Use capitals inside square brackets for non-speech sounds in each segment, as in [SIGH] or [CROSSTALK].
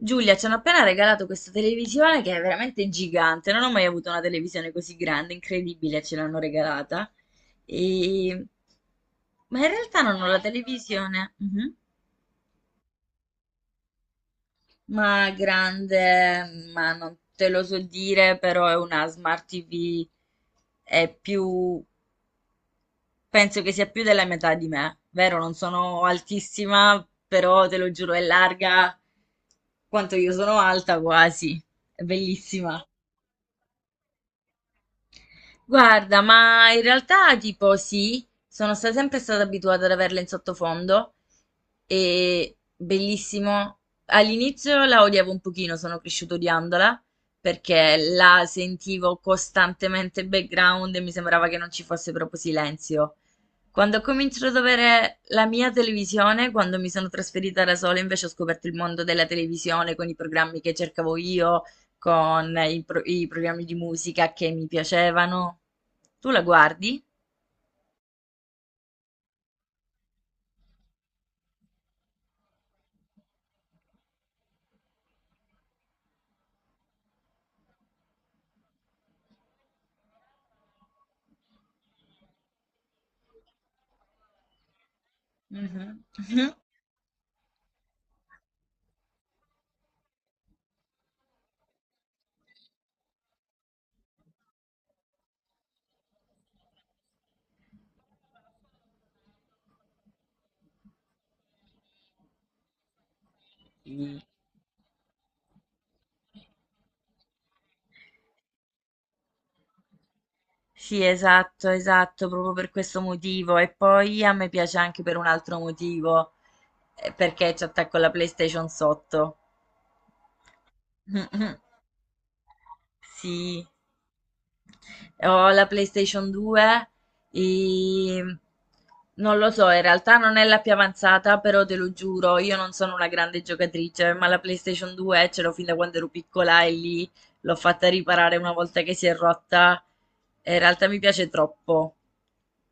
Giulia, ci hanno appena regalato questa televisione che è veramente gigante. Non ho mai avuto una televisione così grande, incredibile, ce l'hanno regalata. E... Ma in realtà non ho la televisione. Mhm. Ma grande, ma non te lo so dire, però è una smart TV, è più, penso che sia più della metà di me, vero? Non sono altissima, però te lo giuro, è larga quanto io sono alta quasi, è bellissima. Guarda, ma in realtà tipo sì, sempre stata abituata ad averla in sottofondo e bellissimo. All'inizio la odiavo un pochino, sono cresciuta odiandola perché la sentivo costantemente in background e mi sembrava che non ci fosse proprio silenzio. Quando ho cominciato ad avere la mia televisione, quando mi sono trasferita da sola, invece ho scoperto il mondo della televisione con i programmi che cercavo io con i programmi di musica che mi piacevano. Tu la guardi? Mhm. Mhm. Sì. Sì, esatto, esatto, proprio per questo motivo. E poi a me piace anche per un altro motivo, perché ci attacco la PlayStation sotto. [LAUGHS] Sì. Ho la PlayStation 2 e non lo so, in realtà non è la più avanzata, però te lo giuro, io non sono una grande giocatrice, ma la PlayStation 2 ce l'ho fin da quando ero piccola e lì l'ho fatta riparare una volta che si è rotta. E in realtà mi piace troppo,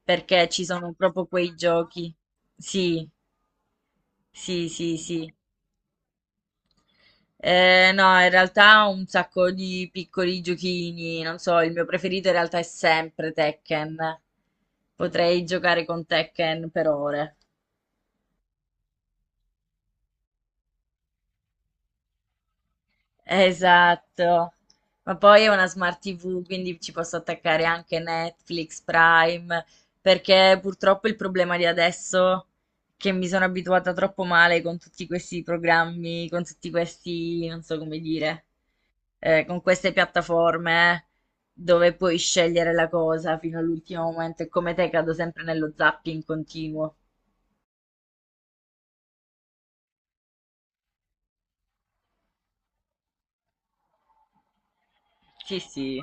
perché ci sono proprio quei giochi. Sì, sì, sì, sì. No, in realtà ho un sacco di piccoli giochini, non so, il mio preferito in realtà è sempre Tekken. Potrei giocare con Tekken per ore. Esatto. Ma poi è una smart TV, quindi ci posso attaccare anche Netflix, Prime, perché purtroppo il problema di adesso è che mi sono abituata troppo male con tutti questi programmi, con tutti questi, non so come dire. Con queste piattaforme dove puoi scegliere la cosa fino all'ultimo momento e come te cado sempre nello zapping continuo. Sì, sì.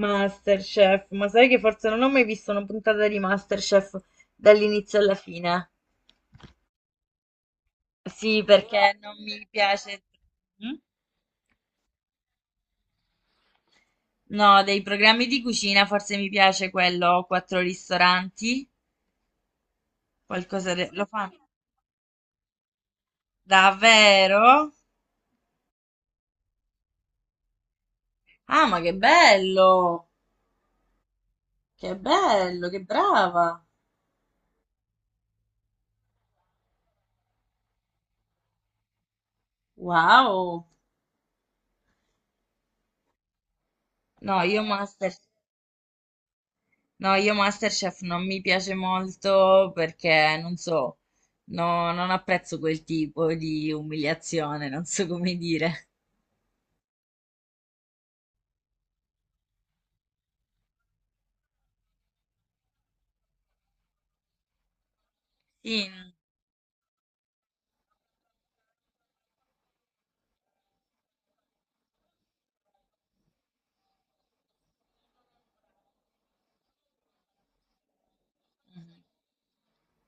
Masterchef, ma sai che forse non ho mai visto una puntata di Masterchef dall'inizio alla fine? Sì, perché non mi piace. Mm? No, dei programmi di cucina forse mi piace quello Quattro ristoranti, lo fanno. Davvero? Ah, ma che bello! Che bello, che brava. Wow. No, io Master, no, io Masterchef non mi piace molto perché non so, no, non apprezzo quel tipo di umiliazione, non so come dire. Sì.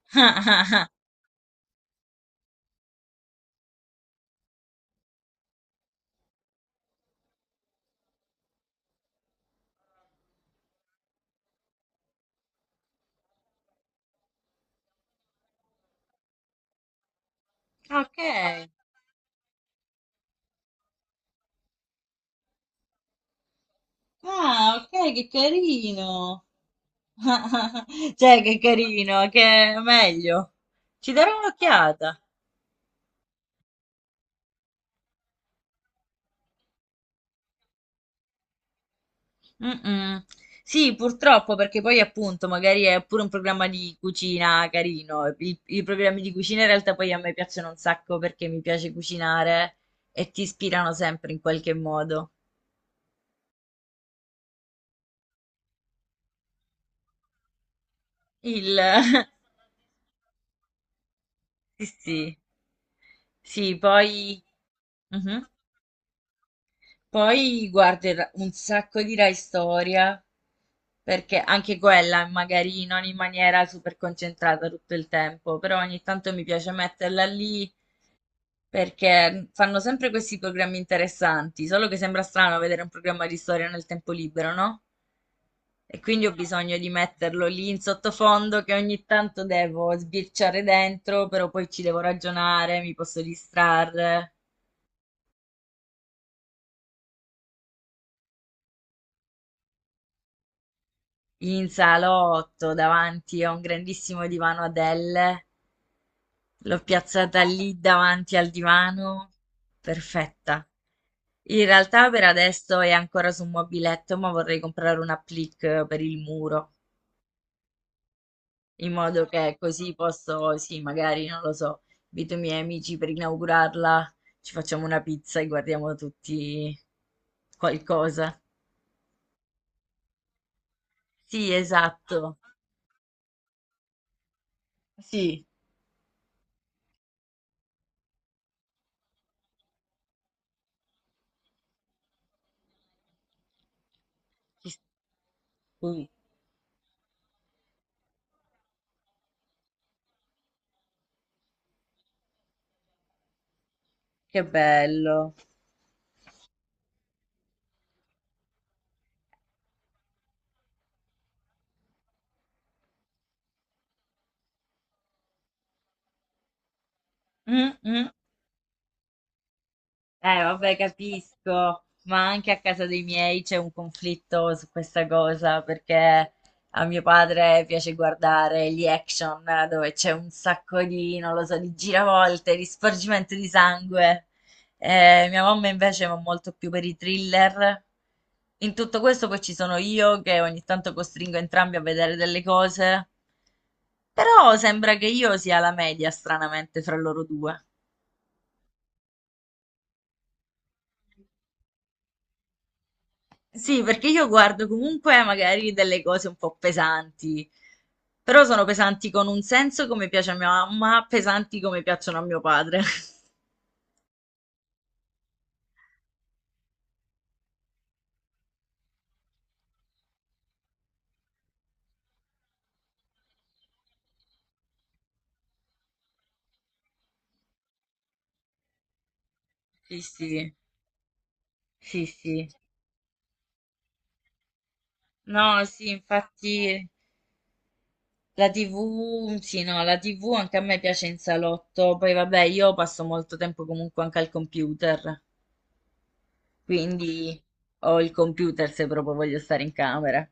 [LAUGHS] Ok. Ah, ok, che carino. [LAUGHS] Cioè, che carino, che meglio. Ci darò un'occhiata. Mm-mm. Sì, purtroppo, perché poi appunto magari è pure un programma di cucina carino. I programmi di cucina in realtà poi a me piacciono un sacco perché mi piace cucinare e ti ispirano sempre in qualche modo. Il... [LAUGHS] Sì, sì, sì, poi... Mhm. Poi guardo un sacco di Rai Storia, perché anche quella magari non in maniera super concentrata tutto il tempo, però ogni tanto mi piace metterla lì perché fanno sempre questi programmi interessanti, solo che sembra strano vedere un programma di storia nel tempo libero, no? E quindi ho bisogno di metterlo lì in sottofondo che ogni tanto devo sbirciare dentro, però poi ci devo ragionare, mi posso distrarre. In salotto, davanti a un grandissimo divano Adele. L'ho piazzata lì davanti al divano. Perfetta. In realtà per adesso è ancora su un mobiletto, ma vorrei comprare un applique per il muro, in modo che così posso, sì, magari, non lo so, invito i miei amici per inaugurarla, ci facciamo una pizza e guardiamo tutti qualcosa. Sì, esatto. Sì. Ci- Che bello. Mm, mm. Vabbè, capisco, ma anche a casa dei miei c'è un conflitto su questa cosa perché a mio padre piace guardare gli action dove c'è un sacco di, non lo so, di giravolte, di sporgimento di sangue. Mia mamma invece va molto più per i thriller. In tutto questo poi ci sono io che ogni tanto costringo entrambi a vedere delle cose, però sembra che io sia la media, stranamente, fra loro due. Sì, perché io guardo comunque magari delle cose un po' pesanti, però sono pesanti con un senso come piace a mia mamma, pesanti come piacciono a mio padre. [LAUGHS] Sì, sì, sì, sì. No, sì, infatti la TV, sì, no, la TV anche a me piace in salotto, poi vabbè, io passo molto tempo comunque anche al computer, quindi ho il computer se proprio voglio stare in camera.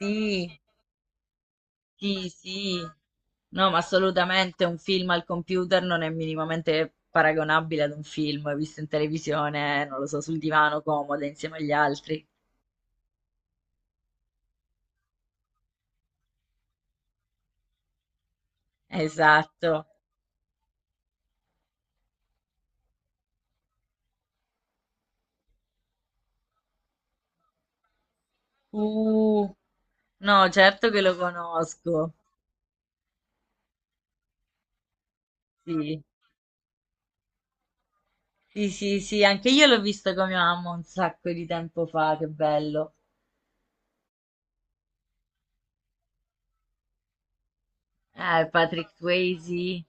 Sì. Sì, sì, no, ma assolutamente un film al computer non è minimamente paragonabile ad un film visto in televisione, non lo so, sul divano comoda insieme agli altri. Esatto. Uh, no, certo che lo conosco. Sì, sì, sì, sì, anche io l'ho visto con mia mamma un sacco di tempo fa, che bello. Patrick Swayze,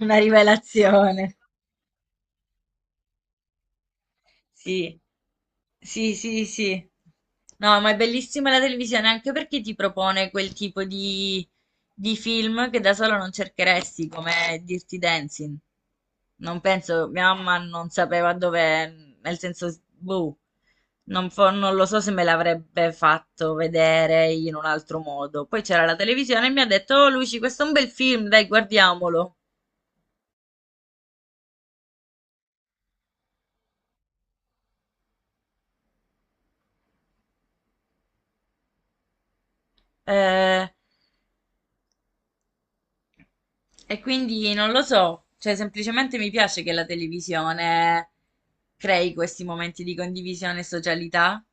una rivelazione. Sì, sì, sì, sì. No, ma è bellissima la televisione anche perché ti propone quel tipo di film che da solo non cercheresti, come Dirty Dancing. Non penso, mia mamma non sapeva dove, nel senso, boh, non lo so se me l'avrebbe fatto vedere in un altro modo. Poi c'era la televisione e mi ha detto, oh Luci, questo è un bel film, dai, guardiamolo. Eh, E quindi non lo so, cioè semplicemente mi piace che la televisione crei questi momenti di condivisione e socialità.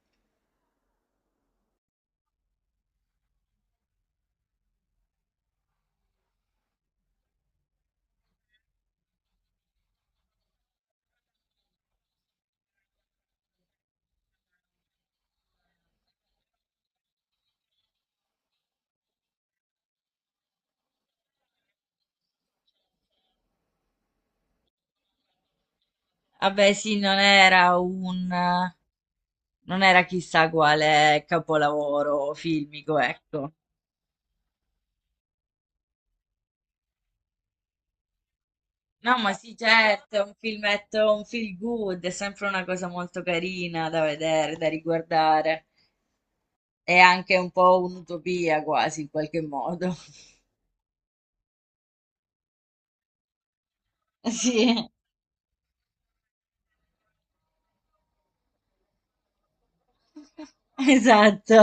Vabbè, sì, non era chissà quale capolavoro filmico, ecco. No, ma sì, certo, è un filmetto, un feel good, è sempre una cosa molto carina da vedere, da riguardare. È anche un po' un'utopia quasi, in qualche modo. [LAUGHS] Sì, [LAUGHS] esatto.